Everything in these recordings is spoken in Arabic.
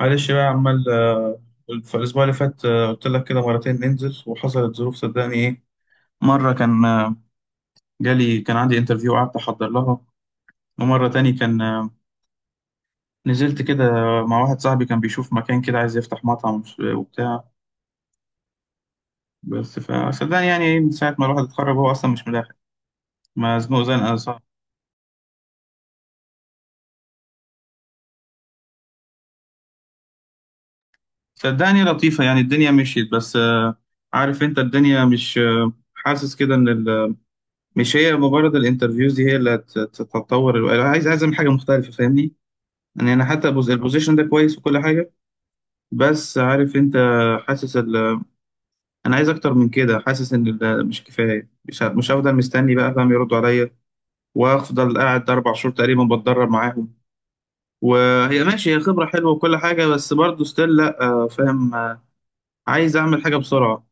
معلش بقى عمال في الأسبوع اللي فات قلت لك كده مرتين ننزل وحصلت ظروف. صدقني إيه، مرة كان جالي، كان عندي انترفيو قعدت أحضر لها. ومرة تاني كان نزلت كده مع واحد صاحبي كان بيشوف مكان كده عايز يفتح مطعم وبتاع. بس فصدقني يعني إيه، من ساعة ما الواحد اتخرج هو أصلا مش ملاحق، مزنوق زنقة صعب. صدقني لطيفة يعني الدنيا مشيت، بس عارف أنت الدنيا مش حاسس كده إن ال، مش هي مجرد الانترفيوز دي هي اللي هتطور أنا عايز أعمل حاجه مختلفه، فاهمني؟ يعني انا حتى البوزيشن ده كويس وكل حاجه. بس عارف انت، حاسس انا عايز اكتر من كده. حاسس ان مش كفايه. مش مش هفضل مستني بقى، فاهم، يردوا عليا وافضل قاعد اربع شهور تقريبا بتدرب معاهم. وهي ماشي، هي خبره حلوه وكل حاجه، بس برضه ستيل لا فاهم عايز اعمل حاجه بسرعه.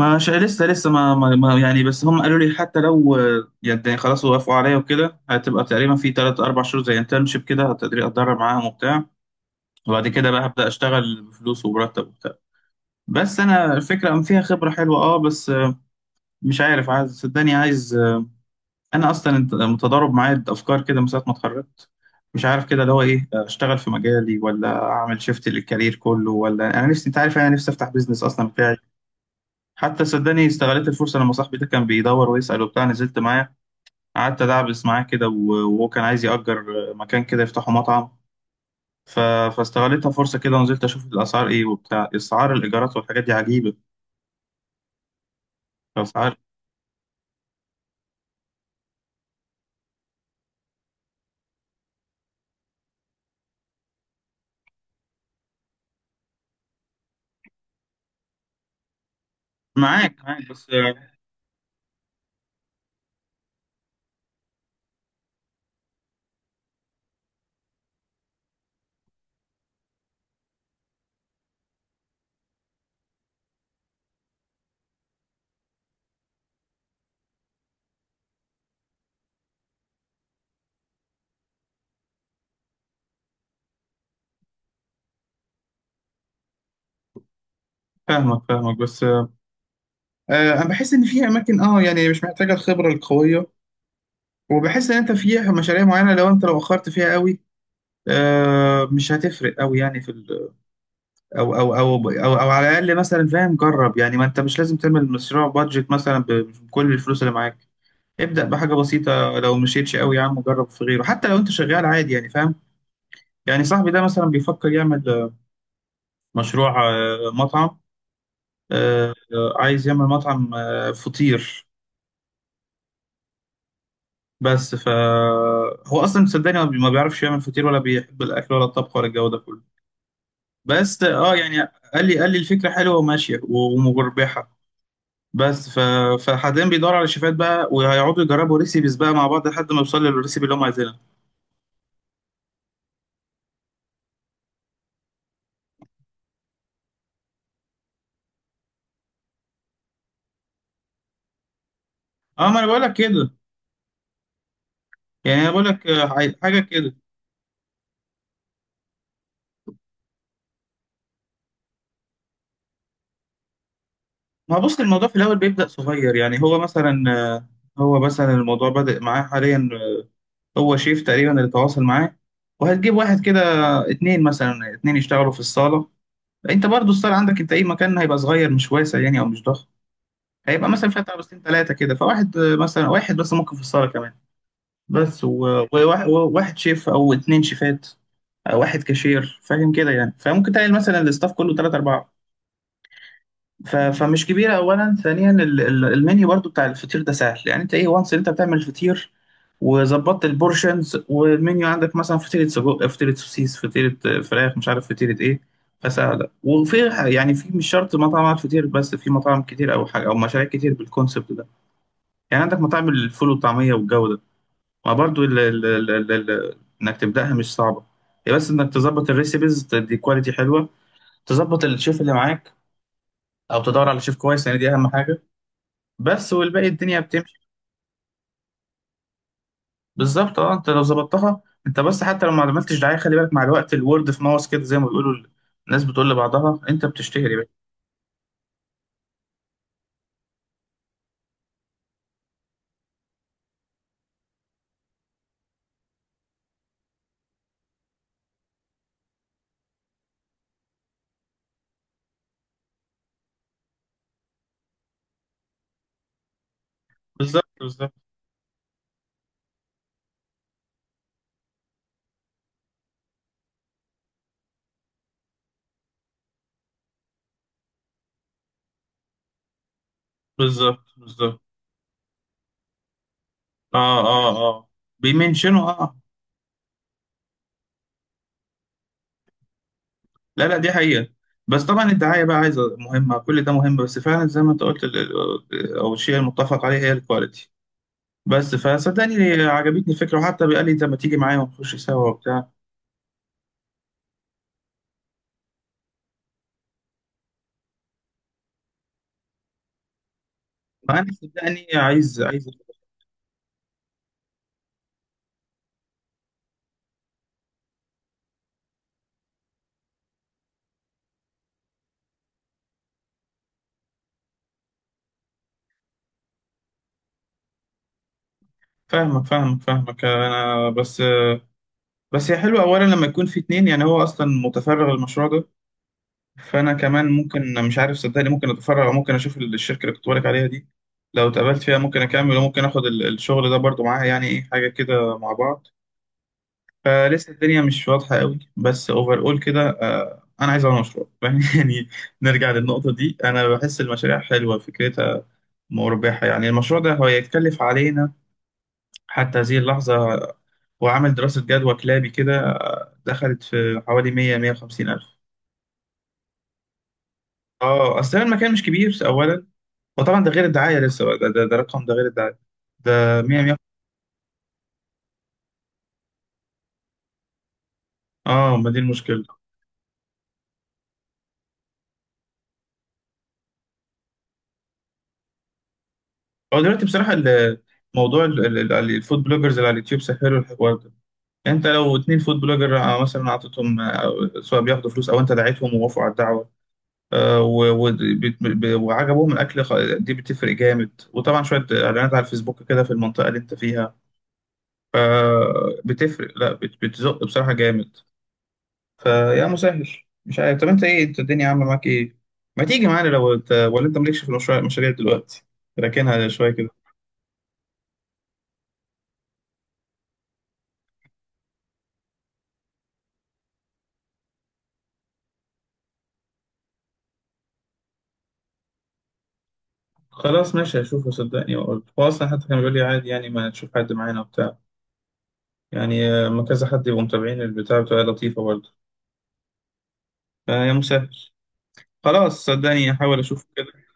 مش لسه، يعني بس هم قالوا لي حتى لو يعني خلاص وافقوا عليا وكده هتبقى تقريبا في تلات أربع شهور زي انترنشيب كده، هتقدري أتدرب معاهم وبتاع. وبعد كده بقى هبدأ أشتغل بفلوس ومرتب وبتاع. بس أنا الفكرة أم فيها خبرة حلوة أه، بس مش عارف. عايز صدقني عايز أنا أصلا متضارب معايا أفكار كده من ساعة ما اتخرجت. مش عارف كده اللي هو إيه، أشتغل في مجالي ولا أعمل شيفت للكارير كله، ولا أنا نفسي، أنت عارف أنا نفسي أفتح بيزنس أصلا بتاعي. حتى صدقني استغلت الفرصة لما صاحبي ده كان بيدور ويسأل وبتاع، نزلت معاه قعدت أدعبس معاه كده، وهو كان عايز يأجر مكان كده يفتحه مطعم. ف... فاستغلتها فرصة كده ونزلت أشوف الأسعار إيه وبتاع. أسعار الإيجارات والحاجات دي عجيبة، الأسعار. معاك معاك بس، فاهمك فاهمك، بس أنا بحس إن في أماكن أه يعني مش محتاجة الخبرة القوية. وبحس إن أنت في مشاريع معينة، لو أنت لو أخرت فيها قوي مش هتفرق قوي يعني. في أو على الاقل مثلا، فاهم، جرب يعني. ما انت مش لازم تعمل مشروع بادجت مثلا بكل الفلوس اللي معاك. ابدأ بحاجة بسيطة، لو مشيتش قوي يا عم جرب في غيره، حتى لو انت شغال عادي يعني، فاهم. يعني صاحبي ده مثلا بيفكر يعمل مشروع مطعم. عايز يعمل مطعم فطير. بس ف هو اصلا صدقني ما بيعرفش يعمل فطير، ولا بيحب الاكل ولا الطبخ ولا الجو ده كله. بس اه يعني، قال لي الفكرة حلوة وماشية ومربحة. بس ف... فحاليا بيدوروا على شيفات بقى، وهيقعدوا يجربوا ريسيبيز بقى مع بعض لحد ما يوصلوا للريسيبي اللي هم عايزينها. اه، ما انا بقول لك كده. يعني انا بقول لك حاجه كده. ما هو بص، الموضوع في الاول بيبدا صغير يعني. هو مثلا آه، هو مثلا الموضوع بدأ معاه حاليا هو شيف تقريبا اللي تواصل معاه. وهتجيب واحد كده اتنين مثلا، اتنين يشتغلوا في الصاله. انت برضو الصاله عندك انت ايه، مكان هيبقى صغير مش واسع يعني، او مش ضخم. هيبقى مثلا فيها بس ثلاثه كده، فواحد مثلا واحد بس ممكن في الصاله كمان. بس وواحد، وواحد شيف او اتنين شيفات، أو واحد كاشير، فاهم كده يعني. فممكن تلاقي مثلا الاستاف كله تلاتة أربعة، فمش كبيرة. أولا ثانيا المنيو برضو بتاع الفطير ده سهل يعني. أنت إيه وانس أنت بتعمل الفطير وظبطت البورشنز والمنيو، عندك مثلا فطيرة سجق، فطيرة سوسيس، فطيرة فراخ، مش عارف فطيرة إيه. فسهلة. وفي يعني في، مش شرط مطعم على الفطير بس، في مطاعم كتير أو حاجة أو مشاريع كتير بالكونسبت ده. يعني عندك مطاعم الفول والطعمية والجو ده. وبرضه انك تبداها مش صعبه. هي بس انك تظبط الريسيبيز، تدي كواليتي حلوه، تظبط الشيف اللي معاك او تدور على شيف كويس، لان دي اهم حاجه. بس والباقي الدنيا بتمشي. بالظبط، اه انت لو ظبطتها انت، بس حتى لو ما عملتش دعايه، خلي بالك مع الوقت، الورد في ماوس كده زي ما بيقولوا، الناس بتقول لبعضها، انت بتشتهر يا باشا. بالظبط بالظبط بالظبط بالظبط. اه اه اه. بيمنشنوا اه آه. لا لا، دي حقيقة. بس طبعا الدعاية بقى عايزة مهمة، كل ده مهم. بس فعلا زي ما انت قلت او الشيء المتفق عليه هي الكواليتي. بس فصدقني عجبتني الفكرة، وحتى بقى لي انت ما تيجي معايا ونخش سوا وبتاع. فانا صدقني عايز عايز. فاهمك فاهمك فاهمك انا، بس. بس هي حلوة اولا لما يكون في اتنين. يعني هو اصلا متفرغ للمشروع ده، فانا كمان ممكن، مش عارف صدقني، ممكن اتفرغ او ممكن اشوف الشركة اللي كنت بقولك عليها دي. لو اتقابلت فيها ممكن اكمل وممكن اخد الشغل ده برضو معاها، يعني ايه، حاجة كده مع بعض. فلسه الدنيا مش واضحة قوي، بس اوفر اول كده انا عايز اعمل مشروع يعني نرجع للنقطة دي، انا بحس المشاريع حلوة فكرتها، مربحة. يعني المشروع ده هو يتكلف علينا حتى هذه اللحظة وعمل دراسة جدوى كلابي كده، دخلت في حوالي 100 150 ألف. اه اصل المكان مش كبير اولا. وطبعا ده غير الدعاية لسه بقى، ده رقم، ده غير الدعاية. ده 100 100. اه ما دي المشكلة. هو دلوقتي بصراحة موضوع الفود بلوجرز اللي على اليوتيوب سهلوا الحوار ده. انت لو اتنين فود بلوجر مثلا اعطيتهم سواء بياخدوا فلوس او انت دعيتهم ووافقوا على الدعوه وعجبهم الاكل دي بتفرق جامد. وطبعا شويه اعلانات على الفيسبوك كده في المنطقه اللي انت فيها بتفرق، لا بتزق بصراحه جامد. فيا مسهل. مش عارف، طب انت ايه، انت الدنيا عامله معاك ايه؟ ما تيجي معانا؟ لو انت، ولا انت مالكش في المشاريع دلوقتي، راكنها شويه كده. خلاص ماشي هشوفه صدقني واقول. هو اصلا حتى كان بيقول لي عادي يعني ما تشوف حد معانا وبتاع، يعني ما كذا حد يبقوا متابعين البتاع بتبقى لطيفة برضه. فيا مسهل. خلاص صدقني هحاول أشوف كده.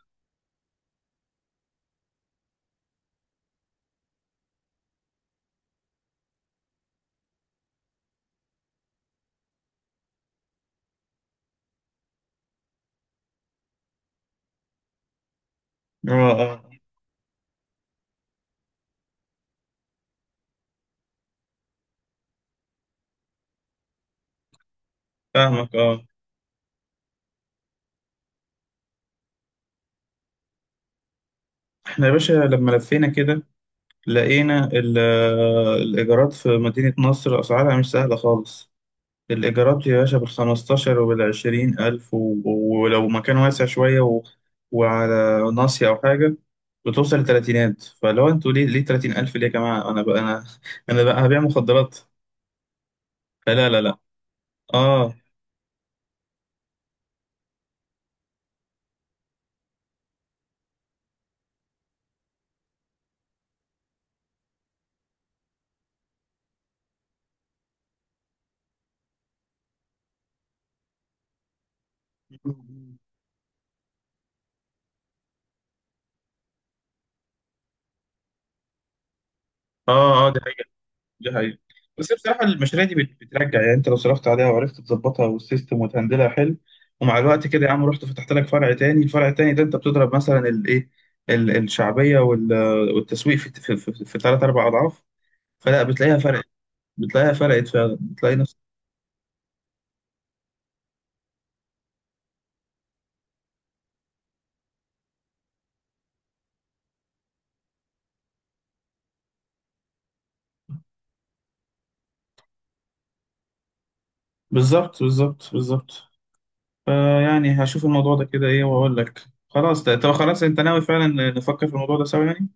اه اه. فاهمك اه. احنا يا باشا لما لفينا كده لقينا الإيجارات في مدينة نصر أسعارها مش سهلة خالص. الإيجارات يا باشا بالخمستاشر وبالعشرين ألف ولو مكان واسع شوية وعلى ناصية أو حاجة، بتوصل لتلاتينات. فلو انتوا ليه، ليه تلاتين ألف ليه يا جماعة؟ أنا بقى، أنا، أنا بقى هبيع مخدرات. فلا لا لا. اه اه اه، دي حقيقة، دي حقيقة. بس بصراحة المشاريع دي بترجع يعني. انت لو صرفت عليها وعرفت تظبطها والسيستم وتهندلها حلو، ومع الوقت كده يا عم رحت فتحت لك فرع تاني، الفرع التاني ده انت بتضرب مثلا الايه، الشعبية والتسويق في ثلاث اربع اضعاف. فلا بتلاقيها فرقت، بتلاقيها فرقت فعلا، بتلاقي نفس. بالظبط بالظبط بالظبط. فيعني هشوف الموضوع ده كده ايه واقول لك. خلاص، طب خلاص، انت ناوي فعلا نفكر في الموضوع ده سوا يعني.